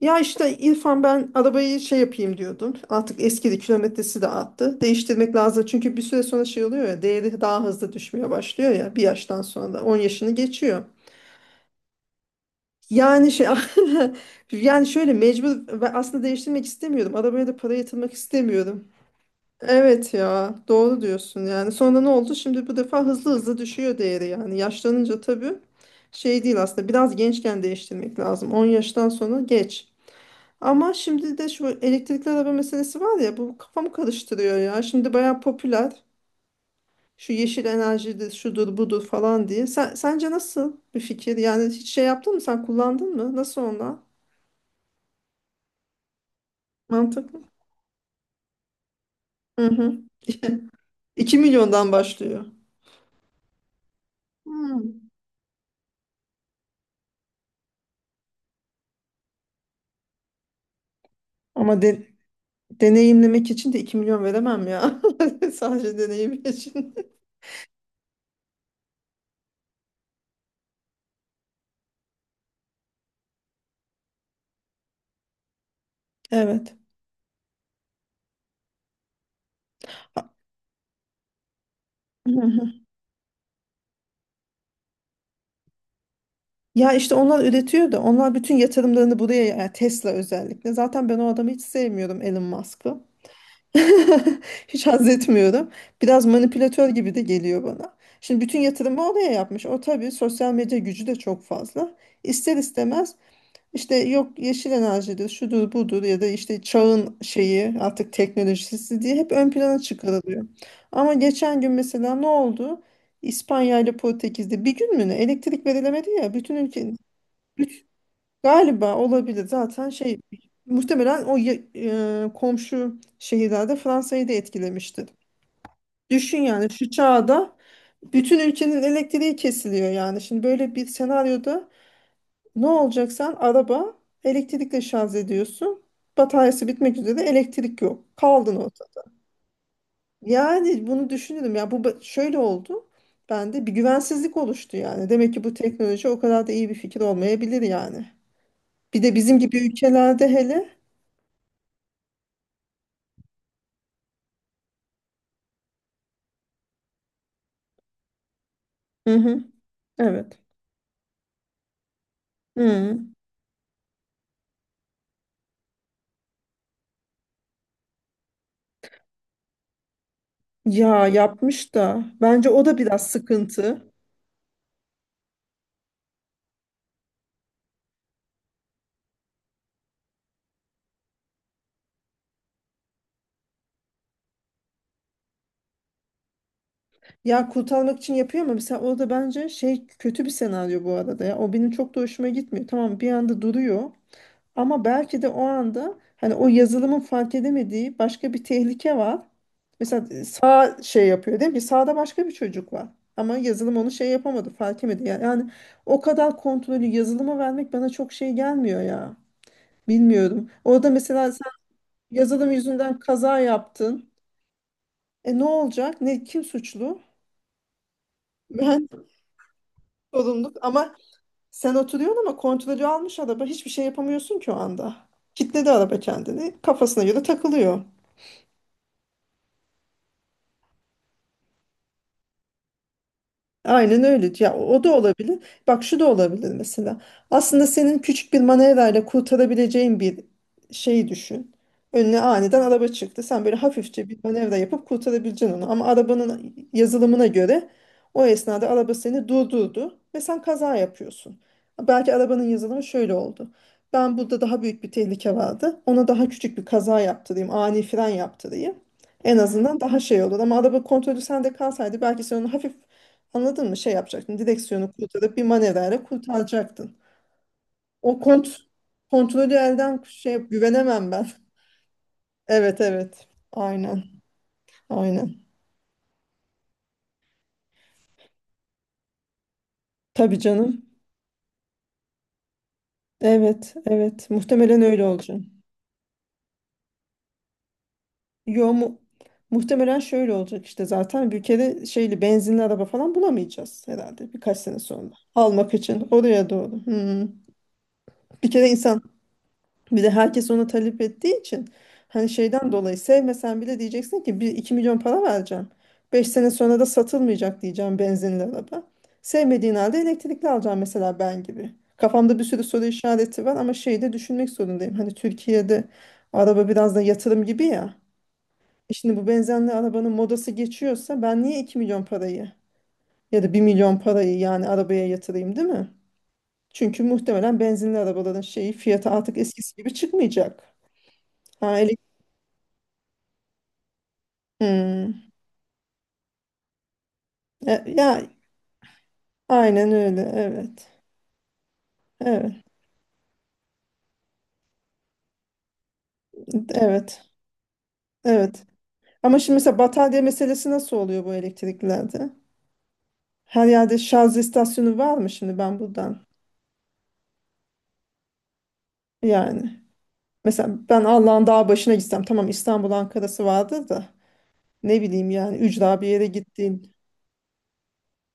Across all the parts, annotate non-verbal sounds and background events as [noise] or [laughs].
Ya işte İrfan ben arabayı şey yapayım diyordum. Artık eskidi kilometresi de arttı. Değiştirmek lazım. Çünkü bir süre sonra şey oluyor ya değeri daha hızlı düşmeye başlıyor ya bir yaştan sonra da 10 yaşını geçiyor. Yani şey [laughs] yani şöyle mecbur ve aslında değiştirmek istemiyorum. Arabaya da para yatırmak istemiyorum. Evet ya doğru diyorsun yani. Sonra ne oldu? Şimdi bu defa hızlı hızlı düşüyor değeri yani. Yaşlanınca tabii şey değil aslında. Biraz gençken değiştirmek lazım. 10 yaştan sonra geç. Ama şimdi de şu elektrikli araba meselesi var ya bu kafamı karıştırıyor ya. Şimdi bayağı popüler. Şu yeşil enerjidir, şudur, budur falan diye. Sence nasıl bir fikir? Yani hiç şey yaptın mı? Sen kullandın mı? Nasıl onlar? Mantıklı. Hı hı. [laughs] 2 milyondan başlıyor. Hmm. Ama deneyimlemek için de 2 milyon veremem ya. [laughs] Sadece deneyim için. Evet. [laughs] Ya işte onlar üretiyor da onlar bütün yatırımlarını buraya yani Tesla özellikle. Zaten ben o adamı hiç sevmiyorum Elon Musk'ı. [laughs] Hiç haz etmiyorum. Biraz manipülatör gibi de geliyor bana. Şimdi bütün yatırımı oraya yapmış. O tabii sosyal medya gücü de çok fazla. İster istemez işte yok yeşil enerjidir, şudur budur ya da işte çağın şeyi artık teknolojisi diye hep ön plana çıkarılıyor. Ama geçen gün mesela ne oldu? İspanya ile Portekiz'de bir gün mü ne elektrik verilemedi ya bütün ülke. Galiba olabilir. Zaten şey muhtemelen o komşu şehirlerde Fransa'yı da etkilemiştir. Düşün yani şu çağda bütün ülkenin elektriği kesiliyor yani. Şimdi böyle bir senaryoda ne olacak sen araba elektrikle şarj ediyorsun. Bataryası bitmek üzere elektrik yok. Kaldın orada. Yani bunu düşünürüm ya bu şöyle oldu. Bende bir güvensizlik oluştu yani. Demek ki bu teknoloji o kadar da iyi bir fikir olmayabilir yani. Bir de bizim gibi ülkelerde hele. Hı hı. Evet. Hı. Ya yapmış da bence o da biraz sıkıntı. Ya kurtarmak için yapıyor ama mesela o da bence şey kötü bir senaryo bu arada ya. O benim çok da hoşuma gitmiyor. Tamam bir anda duruyor ama belki de o anda hani o yazılımın fark edemediği başka bir tehlike var. Mesela sağ şey yapıyor değil mi? Sağda başka bir çocuk var. Ama yazılım onu şey yapamadı, fark edemedi. Yani o kadar kontrolü yazılıma vermek bana çok şey gelmiyor ya. Bilmiyorum. Orada mesela. Yazılım yüzünden kaza yaptın. E ne olacak? Ne kim suçlu? Ben sorumluluk ama sen oturuyorsun ama kontrolü almış araba hiçbir şey yapamıyorsun ki o anda. Kitledi araba kendini. Kafasına göre takılıyor. Aynen öyle. Ya o da olabilir. Bak şu da olabilir mesela. Aslında senin küçük bir manevrayla kurtarabileceğin bir şeyi düşün. Önüne aniden araba çıktı. Sen böyle hafifçe bir manevra yapıp kurtarabileceksin onu. Ama arabanın yazılımına göre o esnada araba seni durdurdu ve sen kaza yapıyorsun. Belki arabanın yazılımı şöyle oldu. Ben burada daha büyük bir tehlike vardı. Ona daha küçük bir kaza yaptırayım, ani fren yaptırayım. En azından daha şey olur. Ama araba kontrolü sende kalsaydı belki sen onu hafif. Anladın mı? Şey yapacaktın. Direksiyonu kurtarıp bir manevrayla kurtaracaktın. O kontrolü elden şey güvenemem ben. [laughs] Evet evet. Aynen. Aynen. Tabii canım. Evet evet. Muhtemelen öyle olacak. Yo muhtemelen şöyle olacak işte zaten bir kere şeyli benzinli araba falan bulamayacağız herhalde birkaç sene sonra. Almak için oraya doğru. Hmm. Bir kere insan. Bir de herkes ona talep ettiği için hani şeyden dolayı sevmesen bile diyeceksin ki bir iki milyon para vereceğim. 5 sene sonra da satılmayacak diyeceğim benzinli araba. Sevmediğin halde elektrikli alacağım mesela ben gibi. Kafamda bir sürü soru işareti var ama şeyi de düşünmek zorundayım. Hani Türkiye'de araba biraz da yatırım gibi ya. E şimdi bu benzinli arabanın modası geçiyorsa ben niye 2 milyon parayı ya da 1 milyon parayı yani arabaya yatırayım değil mi? Çünkü muhtemelen benzinli arabaların şeyi fiyatı artık eskisi gibi çıkmayacak. Ha. Hmm. Ya aynen öyle. Evet. Evet. Evet. Evet. Ama şimdi mesela batarya meselesi nasıl oluyor bu elektriklerde? Her yerde şarj istasyonu var mı şimdi ben buradan? Yani mesela ben Allah'ın dağ başına gitsem tamam İstanbul Ankara'sı vardır da ne bileyim yani ücra bir yere gittin.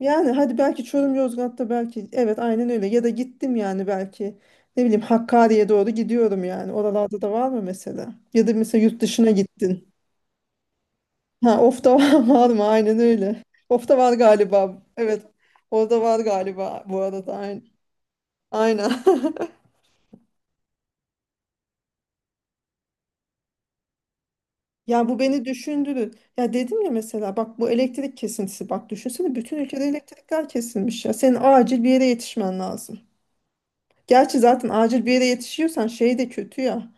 Yani hadi belki Çorum Yozgat'ta belki evet aynen öyle ya da gittim yani belki ne bileyim Hakkari'ye doğru gidiyorum yani oralarda da var mı mesela? Ya da mesela yurt dışına gittin. Ha, of da var, [laughs] var mı? Aynen öyle. Of da var galiba. Evet. Orada var galiba bu arada. Aynen. Aynen. [laughs] Ya bu beni düşündürür. Ya dedim ya mesela bak bu elektrik kesintisi. Bak düşünsene bütün ülkede elektrikler kesilmiş ya. Senin acil bir yere yetişmen lazım. Gerçi zaten acil bir yere yetişiyorsan şey de kötü ya.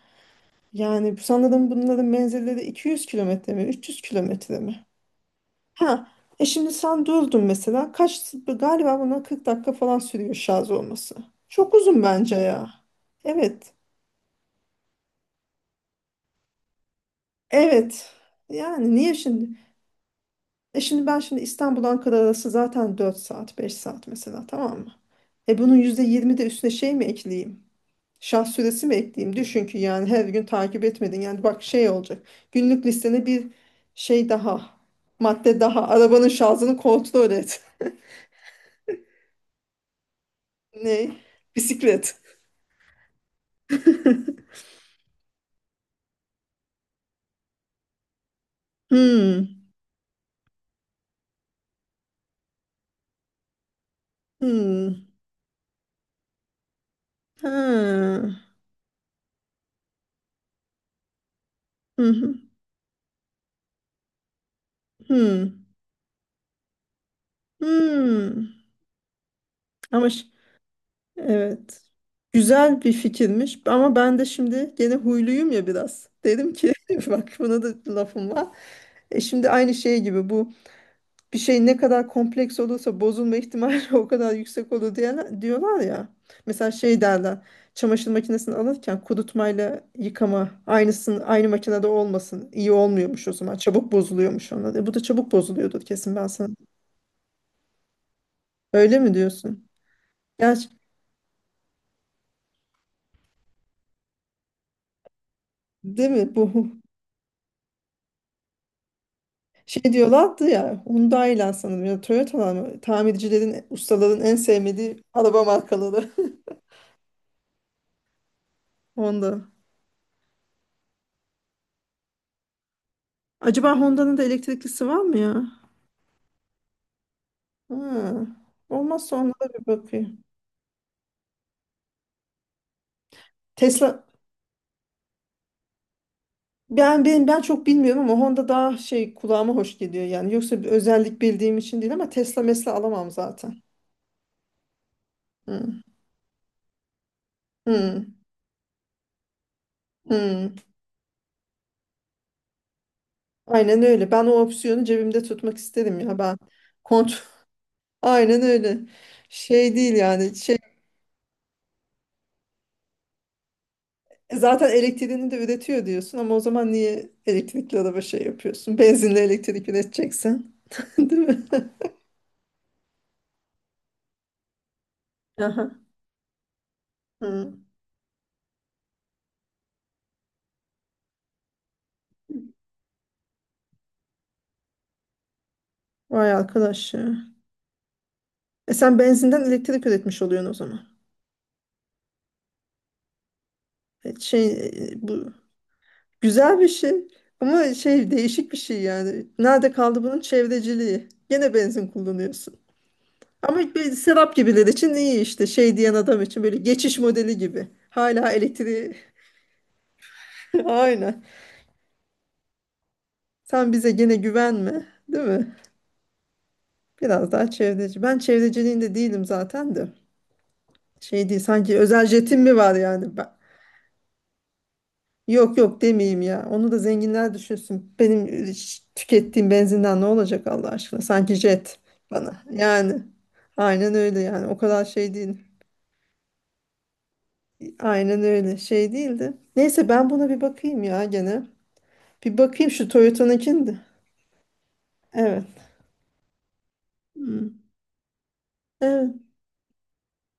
Yani sanırım bunların menzilleri 200 kilometre mi 300 kilometre mi? Ha, şimdi sen durdun mesela. Kaç galiba buna 40 dakika falan sürüyor şarj olması. Çok uzun bence ya. Evet. Evet. Yani niye şimdi? E şimdi ben şimdi İstanbul Ankara arası zaten 4 saat 5 saat mesela tamam mı? E bunun %20 de üstüne şey mi ekleyeyim? Şarj süresi mi ekleyeyim? Düşün ki yani her gün takip etmedin. Yani bak şey olacak. Günlük listene bir şey daha. Madde daha. Arabanın şarjını kontrol et. [laughs] Ne? Bisiklet. Hmm. Hmm. Ha. Hı hı. Hmm. Hmm. Ama evet. Güzel bir fikirmiş ama ben de şimdi gene huyluyum ya biraz. Dedim ki [laughs] bak buna da lafım var. E şimdi aynı şey gibi bu bir şey ne kadar kompleks olursa bozulma ihtimali [laughs] o kadar yüksek olur diye, diyorlar ya. Mesela şey derler çamaşır makinesini alırken kurutmayla yıkama aynısın aynı makinede olmasın iyi olmuyormuş o zaman çabuk bozuluyormuş onlar. Bu da çabuk bozuluyordur kesin ben sana. Öyle mi diyorsun? Gerçi değil mi bu [laughs] şey diyorlardı ya Hyundai'ler sanırım ya da Toyota'lar mı? Tamircilerin ustaların en sevmediği araba markaları. [laughs] Honda. Acaba Honda'nın da elektriklisi var mı ya? Ha, olmazsa ona da bir bakayım. Tesla ben çok bilmiyorum ama Honda daha şey kulağıma hoş geliyor yani. Yoksa bir özellik bildiğim için değil ama Tesla mesela alamam zaten. Hı, hı, hı. Aynen öyle. Ben o opsiyonu cebimde tutmak isterim ya ben. Kont. [laughs] Aynen öyle. Şey değil yani. Şey zaten elektriğini de üretiyor diyorsun ama o zaman niye elektrikli araba şey yapıyorsun? Benzinle elektrik üreteceksin. [laughs] Değil mi? Aha. Hı. Vay arkadaş ya. E sen benzinden elektrik üretmiş oluyorsun o zaman. E şey bu güzel bir şey ama şey değişik bir şey yani. Nerede kaldı bunun çevreciliği? Gene benzin kullanıyorsun. Ama bir serap gibiler için iyi işte şey diyen adam için böyle geçiş modeli gibi. Hala elektriği. [laughs] Aynen. Sen bize gene güvenme değil mi? Biraz daha çevreci. Ben çevreciliğinde değilim zaten de. Şey değil sanki özel jetim mi var yani? Yok yok demeyeyim ya. Onu da zenginler düşünsün. Benim tükettiğim benzinden ne olacak Allah aşkına? Sanki jet bana. Yani aynen öyle yani. O kadar şey değil. Aynen öyle şey değildi. Neyse ben buna bir bakayım ya gene. Bir bakayım şu Toyota'nınkini de. Evet. Hmm. Evet.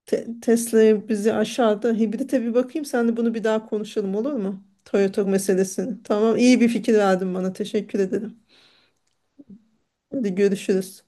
Tesla'ya bizi aşağıda hibrite bir bakayım. Sen de bunu bir daha konuşalım olur mu? Toyota meselesini. Tamam iyi bir fikir verdin bana. Teşekkür ederim. Hadi görüşürüz.